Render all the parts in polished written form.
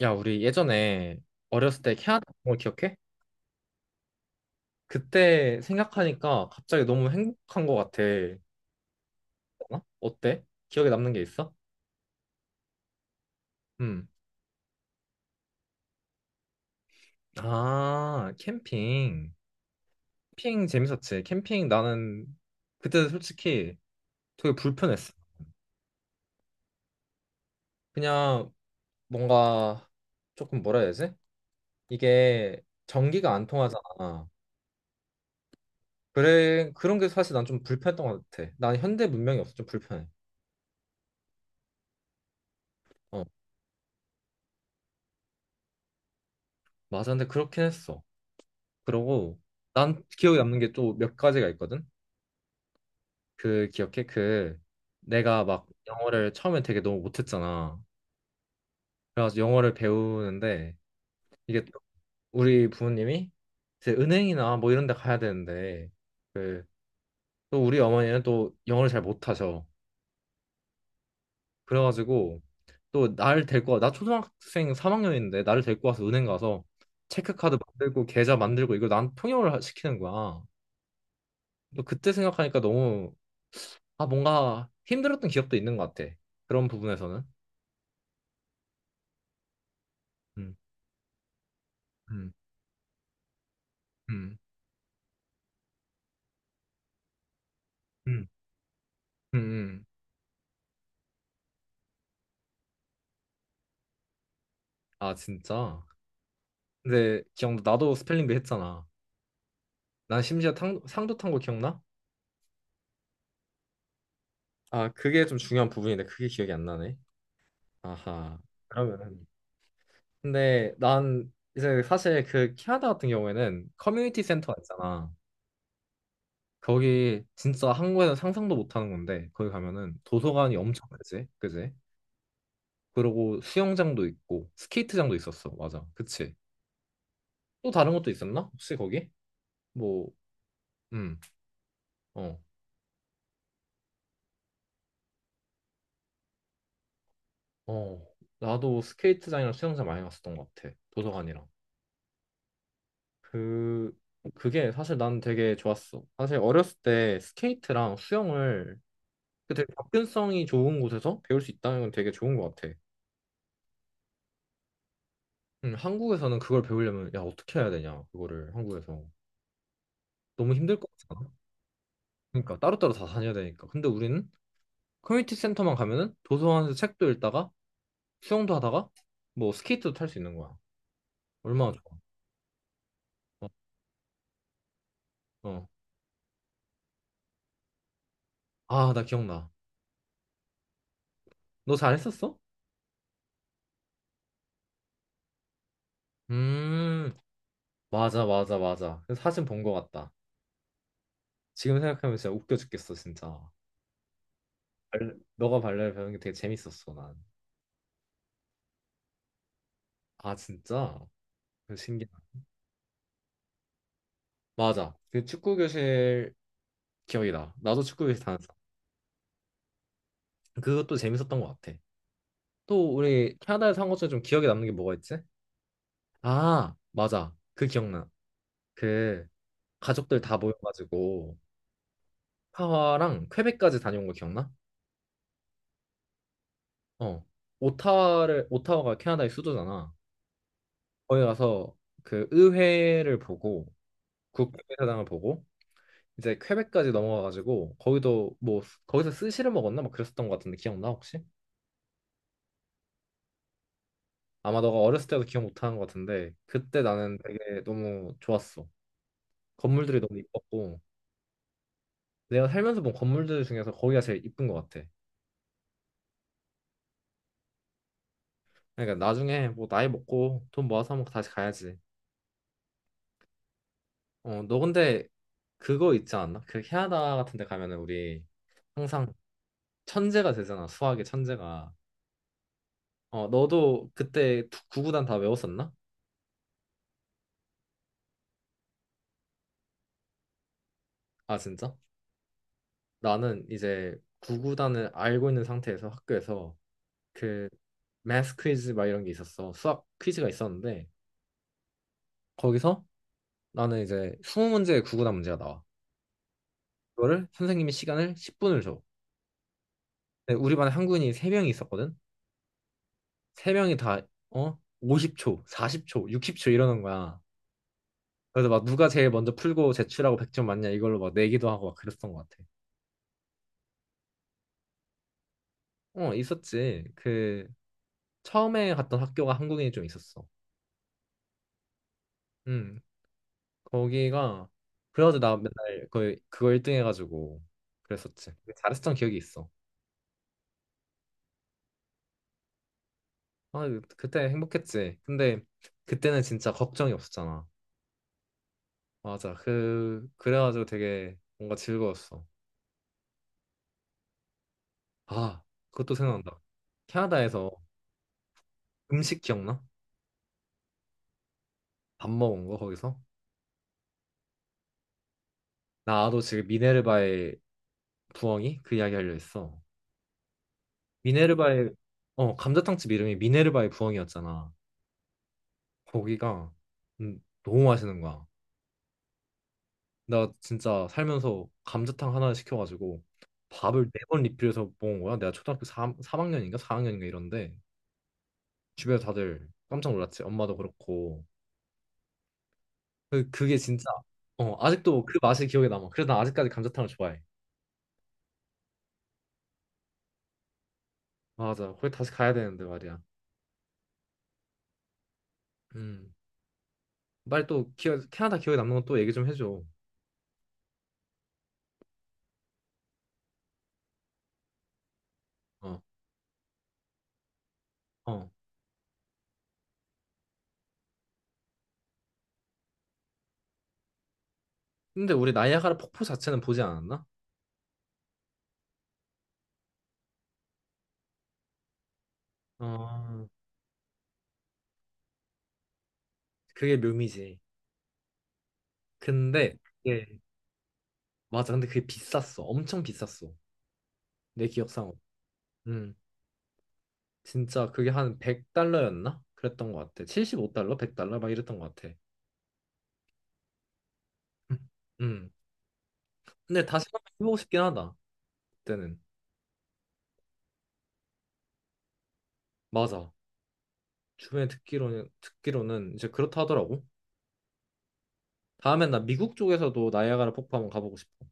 야, 우리 예전에 어렸을 때 캐나다 간 거 기억해? 그때 생각하니까 갑자기 너무 행복한 거 같아. 어? 어때? 기억에 남는 게 있어? 음. 아, 캠핑. 캠핑 재밌었지. 캠핑 나는 그때 솔직히 되게 불편했어. 그냥 뭔가 조금 뭐라 해야 되지? 이게 전기가 안 통하잖아. 그래, 그런 게 사실 난 좀 불편했던 것 같아. 난 현대 문명이 없어 좀 불편해. 어, 맞아. 근데 그렇긴 했어. 그러고 난 기억에 남는 게 또 몇 가지가 있거든. 그 기억해? 내가 막 영어를 처음에 되게 너무 못했잖아. 그래가지고 영어를 배우는데 이게 또 우리 부모님이 이제 은행이나 뭐 이런 데 가야 되는데 그 또 우리 어머니는 또 영어를 잘 못하셔. 그래가지고 또 나 초등학생 3학년인데 나를 데리고 와서 은행 가서 체크카드 만들고 계좌 만들고 이거 난 통역을 시키는 거야. 또 그때 생각하니까 너무 아, 뭔가 힘들었던 기억도 있는 것 같아. 그런 부분에서는. 음, 음, 음, 음, 음. 아, 진짜. 근데 기억나. 나도 스펠링비 했잖아. 난 심지어 상도 탄 거 기억나? 아, 그게 좀 중요한 부분인데 그게 기억이 안 나네. 아하. 그러면은. 근데 난 이제 사실 그 캐나다 같은 경우에는 커뮤니티 센터 가 있잖아. 거기 진짜 한국에서 상상도 못 하는 건데 거기 가면은 도서관이 엄청 크지, 그지? 그리고 수영장도 있고 스케이트장도 있었어. 맞아. 그치? 또 다른 것도 있었나? 혹시 거기? 뭐, 음, 어, 어. 나도 스케이트장이랑 수영장 많이 갔었던 것 같아. 도서관이랑. 그, 그게 사실 난 되게 좋았어. 사실 어렸을 때 스케이트랑 수영을 되게 접근성이 좋은 곳에서 배울 수 있다는 건 되게 좋은 것 같아. 한국에서는 그걸 배우려면, 야, 어떻게 해야 되냐, 그거를 한국에서. 너무 힘들 것 같지 않아? 그러니까 따로따로 다 다녀야 되니까. 근데 우리는 커뮤니티 센터만 가면은 도서관에서 책도 읽다가 수영도 하다가 뭐 스케이트도 탈 수 있는 거야. 얼마나 좋아. 어, 어. 아, 나 기억나. 너 잘했었어? 음, 맞아, 맞아, 맞아. 그래서 사진 본 거 같다. 지금 생각하면 진짜 웃겨 죽겠어, 진짜. 발레, 너가 발레를 배우는 게 되게 재밌었어, 난. 아, 진짜? 그 신기하다. 맞아. 그 축구 교실 기억이 나. 나도 축구 교실 다녔어. 그것도 재밌었던 것 같아. 또 우리 캐나다에서 한 것 중에 좀 기억에 남는 게 뭐가 있지? 아, 맞아. 그 기억나. 그 가족들 다 모여가지고 파와랑 퀘벡까지 다녀온 거 기억나? 어, 오타와가 캐나다의 수도잖아. 거기 가서 그 의회를 보고, 국회의사당을 보고, 이제 퀘벡까지 넘어가가지고, 거기도 뭐, 거기서 스시를 먹었나? 막 그랬었던 것 같은데, 기억나, 혹시? 아마 너가 어렸을 때도 기억 못하는 것 같은데, 그때 나는 되게 너무 좋았어. 건물들이 너무 이뻤고, 내가 살면서 본 건물들 중에서 거기가 제일 이쁜 것 같아. 그러니까 나중에 뭐 나이 먹고 돈 모아서 한번 다시 가야지. 어, 너 근데 그거 있지 않나? 그 캐나다 같은 데 가면은 우리 항상 천재가 되잖아. 수학의 천재가. 어, 너도 그때 구구단 다 외웠었나? 아, 진짜? 나는 이제 구구단을 알고 있는 상태에서 학교에서 그 math 퀴즈 막 이런 게 있었어. 수학 퀴즈가 있었는데 거기서 나는 이제 20문제의 구구단 문제가 나와. 그거를 선생님이 시간을 10분을 줘. 근데 우리 반에 한국인이 3명이 있었거든. 3명이 다 어? 50초, 40초, 60초 이러는 거야. 그래서 막 누가 제일 먼저 풀고 제출하고 100점 맞냐 이걸로 막 내기도 하고 막 그랬던 것 같아. 어, 있었지. 그 처음에 갔던 학교가 한국인이 좀 있었어. 음, 거기가 그래가지고 나 맨날 거의 그거 1등 해가지고 그랬었지. 잘했던 기억이 있어. 아, 그때 행복했지. 근데 그때는 진짜 걱정이 없었잖아. 맞아. 그래가지고 되게 뭔가 즐거웠어. 아, 그것도 생각난다. 캐나다에서 음식 기억나? 밥 먹은 거 거기서? 나도 지금 미네르바의 부엉이 그 이야기 하려 했어. 미네르바의 감자탕집 이름이 미네르바의 부엉이였잖아. 거기가 너무 맛있는 거야. 나 진짜 살면서 감자탕 하나 시켜가지고 밥을 네 번 리필해서 먹은 거야. 내가 초등학교 학년인가 4학년인가 이런데 주변에서 다들 깜짝 놀랐지. 엄마도 그렇고. 그게 진짜 아직도 그 맛이 기억에 남아. 그래서 나 아직까지 감자탕을 좋아해. 맞아. 거기 다시 가야 되는데 말이야. 음. 빨리 또 캐나다 기억에 남는 건 또 얘기 좀 해줘. 어. 어. 근데 우리 나이아가라 폭포 자체는 보지 않았나? 아, 그게 묘미지. 근데 그게 맞아. 근데 그게 비쌌어. 엄청 비쌌어. 내 기억상으로. 음, 진짜 그게 한 100달러였나? 그랬던 것 같아. 75달러, 100달러 막 이랬던 것 같아. 음. 음. 근데 다시 한번 해보고 싶긴 하다. 그때는. 맞아. 주변에 듣기로는 이제 그렇다 하더라고. 다음엔 나 미국 쪽에서도 나이아가라 폭포 한번 가보고 싶어.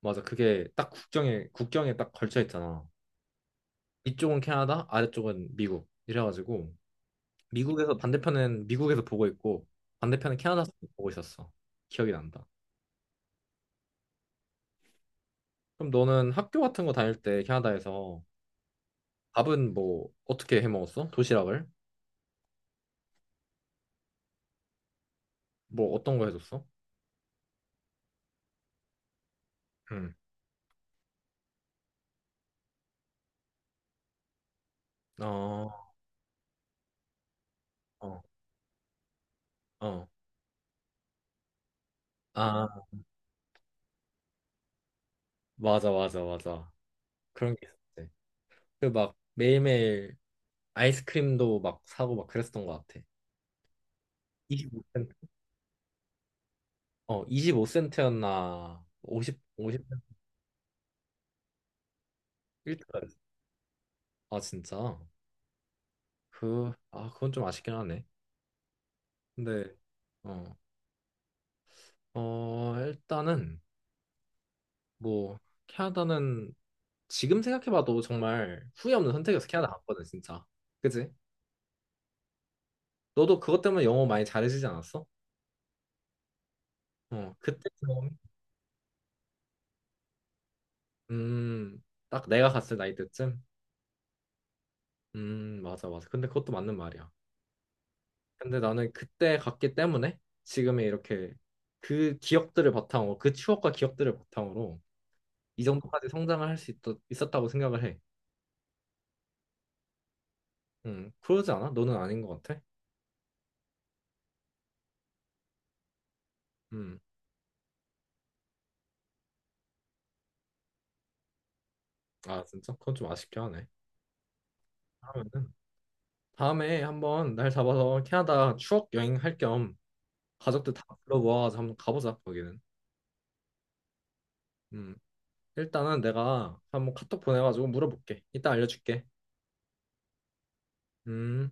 맞아. 그게 딱 국경에 딱 걸쳐 있잖아. 이쪽은 캐나다, 아래쪽은 미국. 이래가지고 미국에서 반대편은 미국에서 보고 있고 반대편은 캐나다에서 보고 있었어. 기억이 난다. 그럼 너는 학교 같은 거 다닐 때 캐나다에서 밥은 뭐 어떻게 해 먹었어? 도시락을? 뭐 어떤 거 해줬어? 응. 어, 어, 어. 아, 맞아, 맞아, 맞아. 그런 게 있었지. 그 막 매일매일 아이스크림도 막 사고 막 그랬었던 것 같아. 25센트. 어, 25센트였나? 50, 50, 1달러. 아, 진짜? 아, 그건 좀 아쉽긴 하네. 네. 어, 어, 일단은 뭐 캐나다는 지금 생각해봐도 정말 후회 없는 선택이어서 캐나다 갔거든 진짜. 그지? 너도 그것 때문에 영어 많이 잘해지지 않았어? 어, 그때 경험이? 음, 딱 내가 갔을 나이 때쯤. 맞아, 맞아. 근데 그것도 맞는 말이야. 근데 나는 그때 갔기 때문에 지금의 이렇게 그 기억들을 바탕으로 그 추억과 기억들을 바탕으로 이 정도까지 성장을 할 수 있었다고 생각을 해. 그러지 않아? 너는 아닌 것 같아? 음. 아 진짜? 그건 좀 아쉽게 하네. 그러면은 다음에 한번 날 잡아서 캐나다 추억 여행 할 겸 가족들 다 불러모아서 한번 가보자 거기는. 음 일단은 내가 한번 카톡 보내가지고 물어볼게. 이따 알려줄게. 음.